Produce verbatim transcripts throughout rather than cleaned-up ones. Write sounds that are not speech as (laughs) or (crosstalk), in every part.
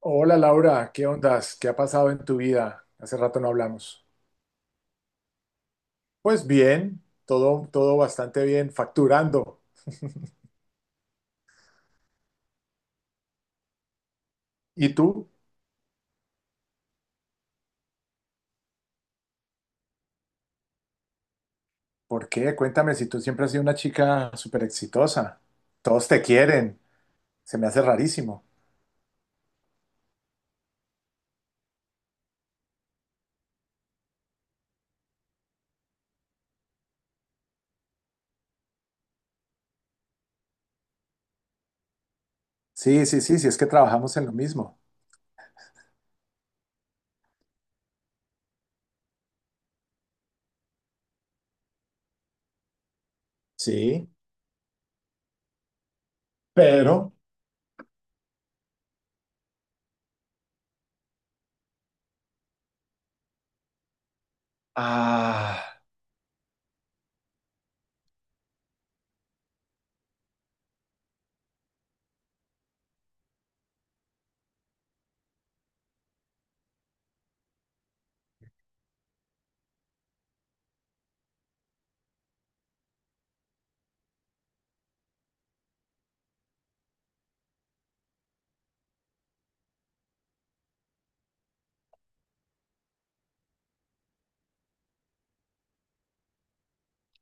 Hola Laura, ¿qué ondas? ¿Qué ha pasado en tu vida? Hace rato no hablamos. Pues bien, todo, todo bastante bien, facturando. ¿Y tú? ¿Por qué? Cuéntame si tú siempre has sido una chica súper exitosa. Todos te quieren. Se me hace rarísimo. Sí, sí, sí, sí, es que trabajamos en lo mismo. Sí, pero, ah,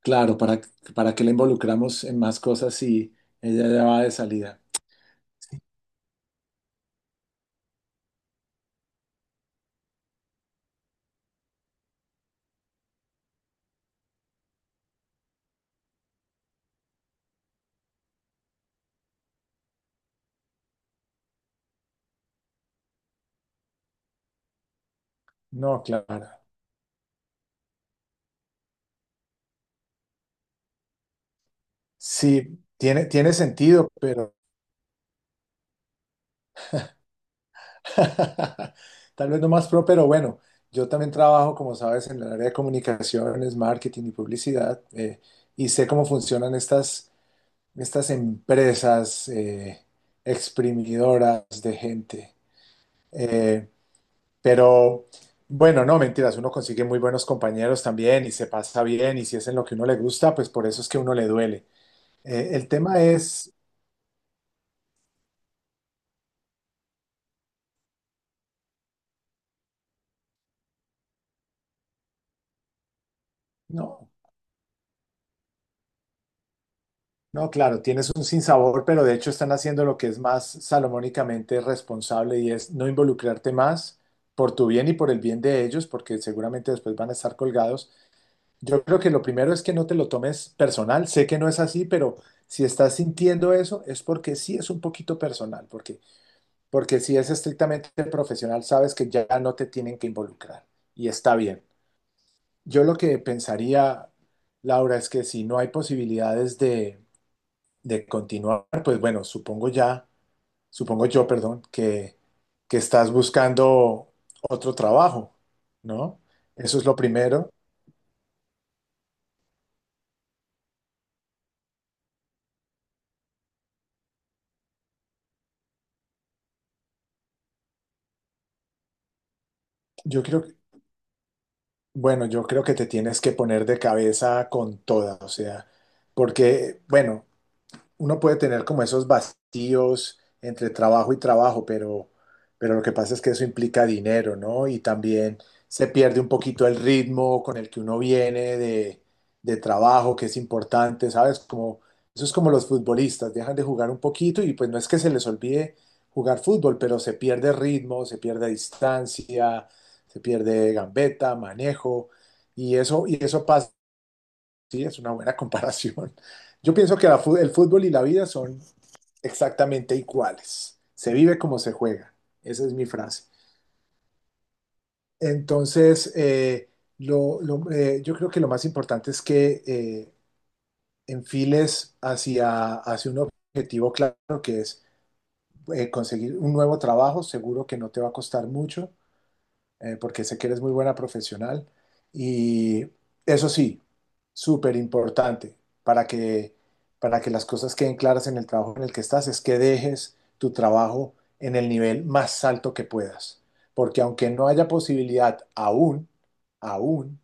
claro, ¿para, para qué la involucramos en más cosas si ella ya va de salida? No, claro. Sí, tiene, tiene sentido. (laughs) Tal vez no más pro, pero bueno, yo también trabajo, como sabes, en el área de comunicaciones, marketing y publicidad, eh, y sé cómo funcionan estas, estas empresas eh, exprimidoras de gente. Eh, pero bueno, no, mentiras, uno consigue muy buenos compañeros también y se pasa bien, y si es en lo que uno le gusta, pues por eso es que uno le duele. Eh, el tema es, no. No, claro, tienes un sinsabor, pero de hecho están haciendo lo que es más salomónicamente responsable y es no involucrarte más por tu bien y por el bien de ellos, porque seguramente después van a estar colgados. Yo creo que lo primero es que no te lo tomes personal. Sé que no es así, pero si estás sintiendo eso es porque sí es un poquito personal, porque, porque si es estrictamente profesional, sabes que ya no te tienen que involucrar y está bien. Yo lo que pensaría, Laura, es que si no hay posibilidades de de continuar, pues bueno, supongo ya, supongo yo, perdón, que, que estás buscando otro trabajo, ¿no? Eso es lo primero. Yo creo, que- bueno, yo creo que te tienes que poner de cabeza con toda, o sea, porque, bueno, uno puede tener como esos vacíos entre trabajo y trabajo, pero, pero lo que pasa es que eso implica dinero, ¿no? Y también se pierde un poquito el ritmo con el que uno viene de, de trabajo, que es importante, ¿sabes? Como, eso es como los futbolistas, dejan de jugar un poquito y pues no es que se les olvide jugar fútbol, pero se pierde ritmo, se pierde distancia, se pierde gambeta, manejo, y eso, y eso pasa. Sí, es una buena (laughs) comparación. Yo pienso que la fu- el fútbol y la vida son exactamente iguales. Se vive como se juega. Esa es mi frase. Entonces, eh, lo- lo- eh, yo creo que lo más importante es que eh, enfiles hacia, hacia un objetivo claro que es eh, conseguir un nuevo trabajo. Seguro que no te va a costar mucho. Eh, porque sé que eres muy buena profesional. Y eso sí, súper importante para que, para que las cosas queden claras en el trabajo en el que estás, es que dejes tu trabajo en el nivel más alto que puedas. Porque aunque no haya posibilidad aún, aún,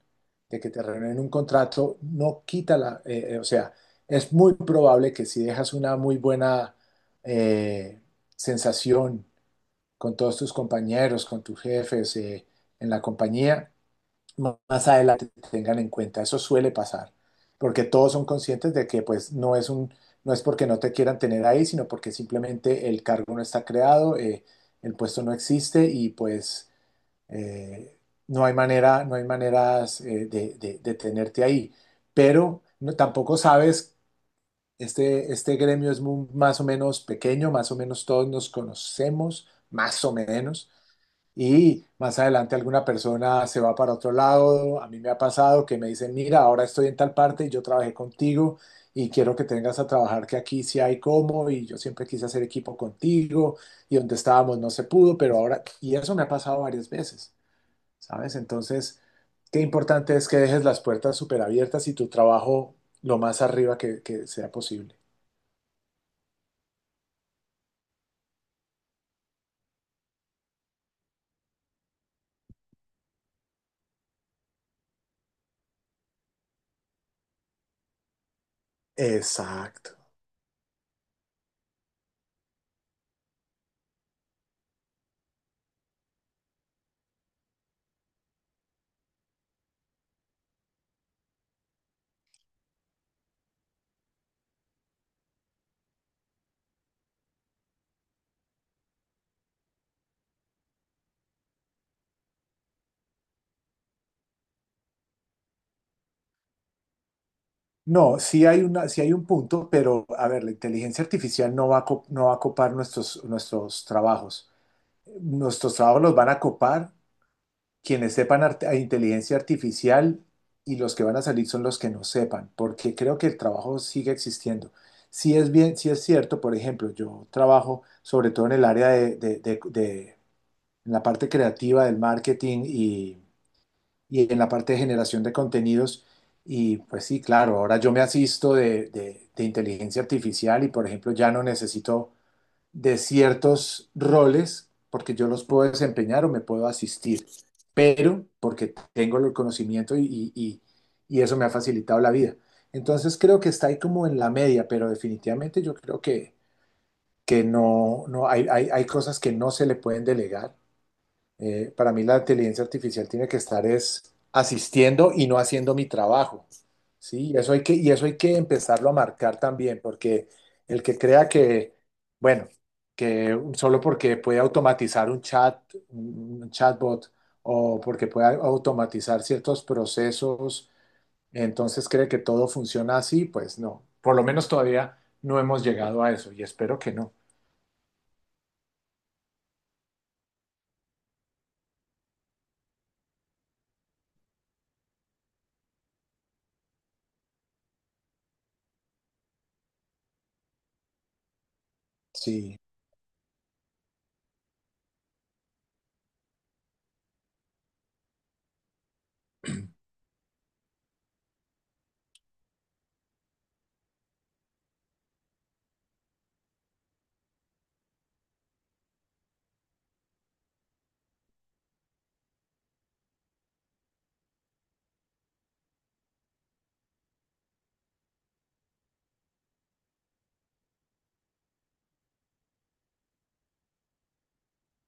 de que te renueven un contrato, no quita la, eh, eh, o sea, es muy probable que si dejas una muy buena eh, sensación con todos tus compañeros, con tus jefes, eh, en la compañía, más adelante te tengan en cuenta. Eso suele pasar, porque todos son conscientes de que pues no es un, no es porque no te quieran tener ahí, sino porque simplemente el cargo no está creado, eh, el puesto no existe y pues eh, no hay manera, no hay maneras eh, de, de- de tenerte ahí. Pero no- tampoco sabes, este, este gremio es mu- más o menos pequeño, más o menos todos nos conocemos, más o menos. Y más adelante alguna persona se va para otro lado. A mí me ha pasado que me dicen, mira, ahora estoy en tal parte y yo trabajé contigo y quiero que tengas a trabajar que aquí sí hay cómo y yo siempre quise hacer equipo contigo y donde estábamos no se pudo, pero ahora, y eso me ha pasado varias veces, ¿sabes? Entonces, qué importante es que dejes las puertas súper abiertas y tu trabajo lo más arriba que, que sea posible. Exacto. No, sí hay una, sí hay un punto, pero a ver, la inteligencia artificial no va a, co- no va a copar nuestros, nuestros trabajos. Nuestros trabajos los van a copar quienes sepan arte- inteligencia artificial y los que van a salir son los que no sepan, porque creo que el trabajo sigue existiendo. Sí es bien, sí es cierto, por ejemplo, yo trabajo sobre todo en el área de, de- de- de- en la parte creativa del marketing y en la parte de generación de contenidos. Y pues sí, claro, ahora yo me asisto de, de- de inteligencia artificial y por ejemplo ya no necesito de ciertos roles porque yo los puedo desempeñar o me puedo asistir, pero porque tengo el conocimiento y, y- y- y eso me ha facilitado la vida. Entonces creo que está ahí como en la media, pero definitivamente yo creo que, que no, no hay, hay, hay cosas que no se le pueden delegar. Eh, para mí la inteligencia artificial tiene que estar es asistiendo y no haciendo mi trabajo, ¿sí? Y eso hay que, y eso hay que empezarlo a marcar también, porque el que crea que, bueno, que solo porque puede automatizar un chat, un chatbot, o porque puede automatizar ciertos procesos, entonces cree que todo funciona así, pues no. Por lo menos todavía no hemos llegado a eso y espero que no. Sí.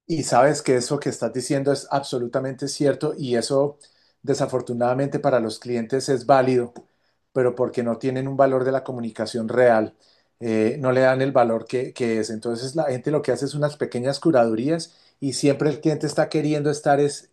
Y sabes que eso que estás diciendo es absolutamente cierto y eso desafortunadamente para los clientes es válido, pero porque no tienen un valor de la comunicación real, eh, no le dan el valor que, que es. Entonces la gente lo que hace es unas pequeñas curadurías y siempre el cliente está queriendo estar es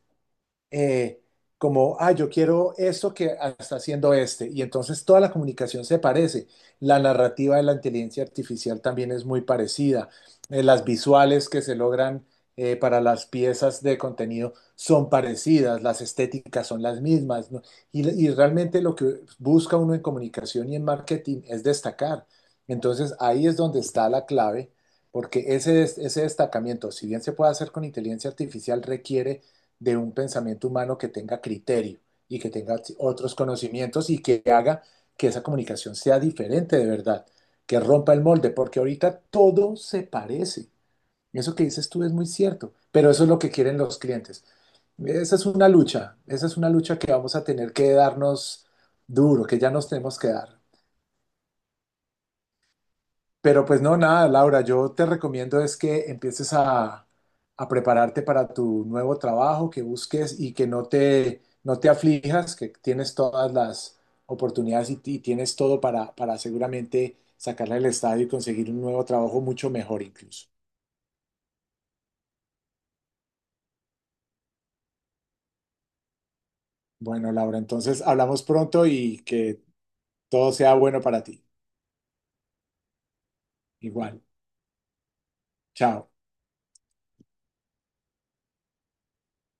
eh, como, ah, yo quiero esto que está haciendo este. Y entonces toda la comunicación se parece. La narrativa de la inteligencia artificial también es muy parecida. Eh, las visuales que se logran eh, para las piezas de contenido son parecidas, las estéticas son las mismas, ¿no? Y, y realmente lo que busca uno en comunicación y en marketing es destacar. Entonces ahí es donde está la clave. Porque ese, des- ese destacamiento, si bien se puede hacer con inteligencia artificial, requiere de un pensamiento humano que tenga criterio y que tenga otros conocimientos y que haga que esa comunicación sea diferente de verdad, que rompa el molde, porque ahorita todo se parece. Eso que dices tú es muy cierto, pero eso es lo que quieren los clientes. Esa es una lucha, esa es una lucha que vamos a tener que darnos duro, que ya nos tenemos que dar. Pero pues no, nada, Laura, yo te recomiendo es que empieces a, a prepararte para tu nuevo trabajo, que busques y que no te, no te aflijas, que tienes todas las oportunidades y, ti- y tienes todo para, para seguramente sacarle el estadio y conseguir un nuevo trabajo mucho mejor incluso. Bueno, Laura, entonces hablamos pronto y que todo sea bueno para ti. Igual, chao.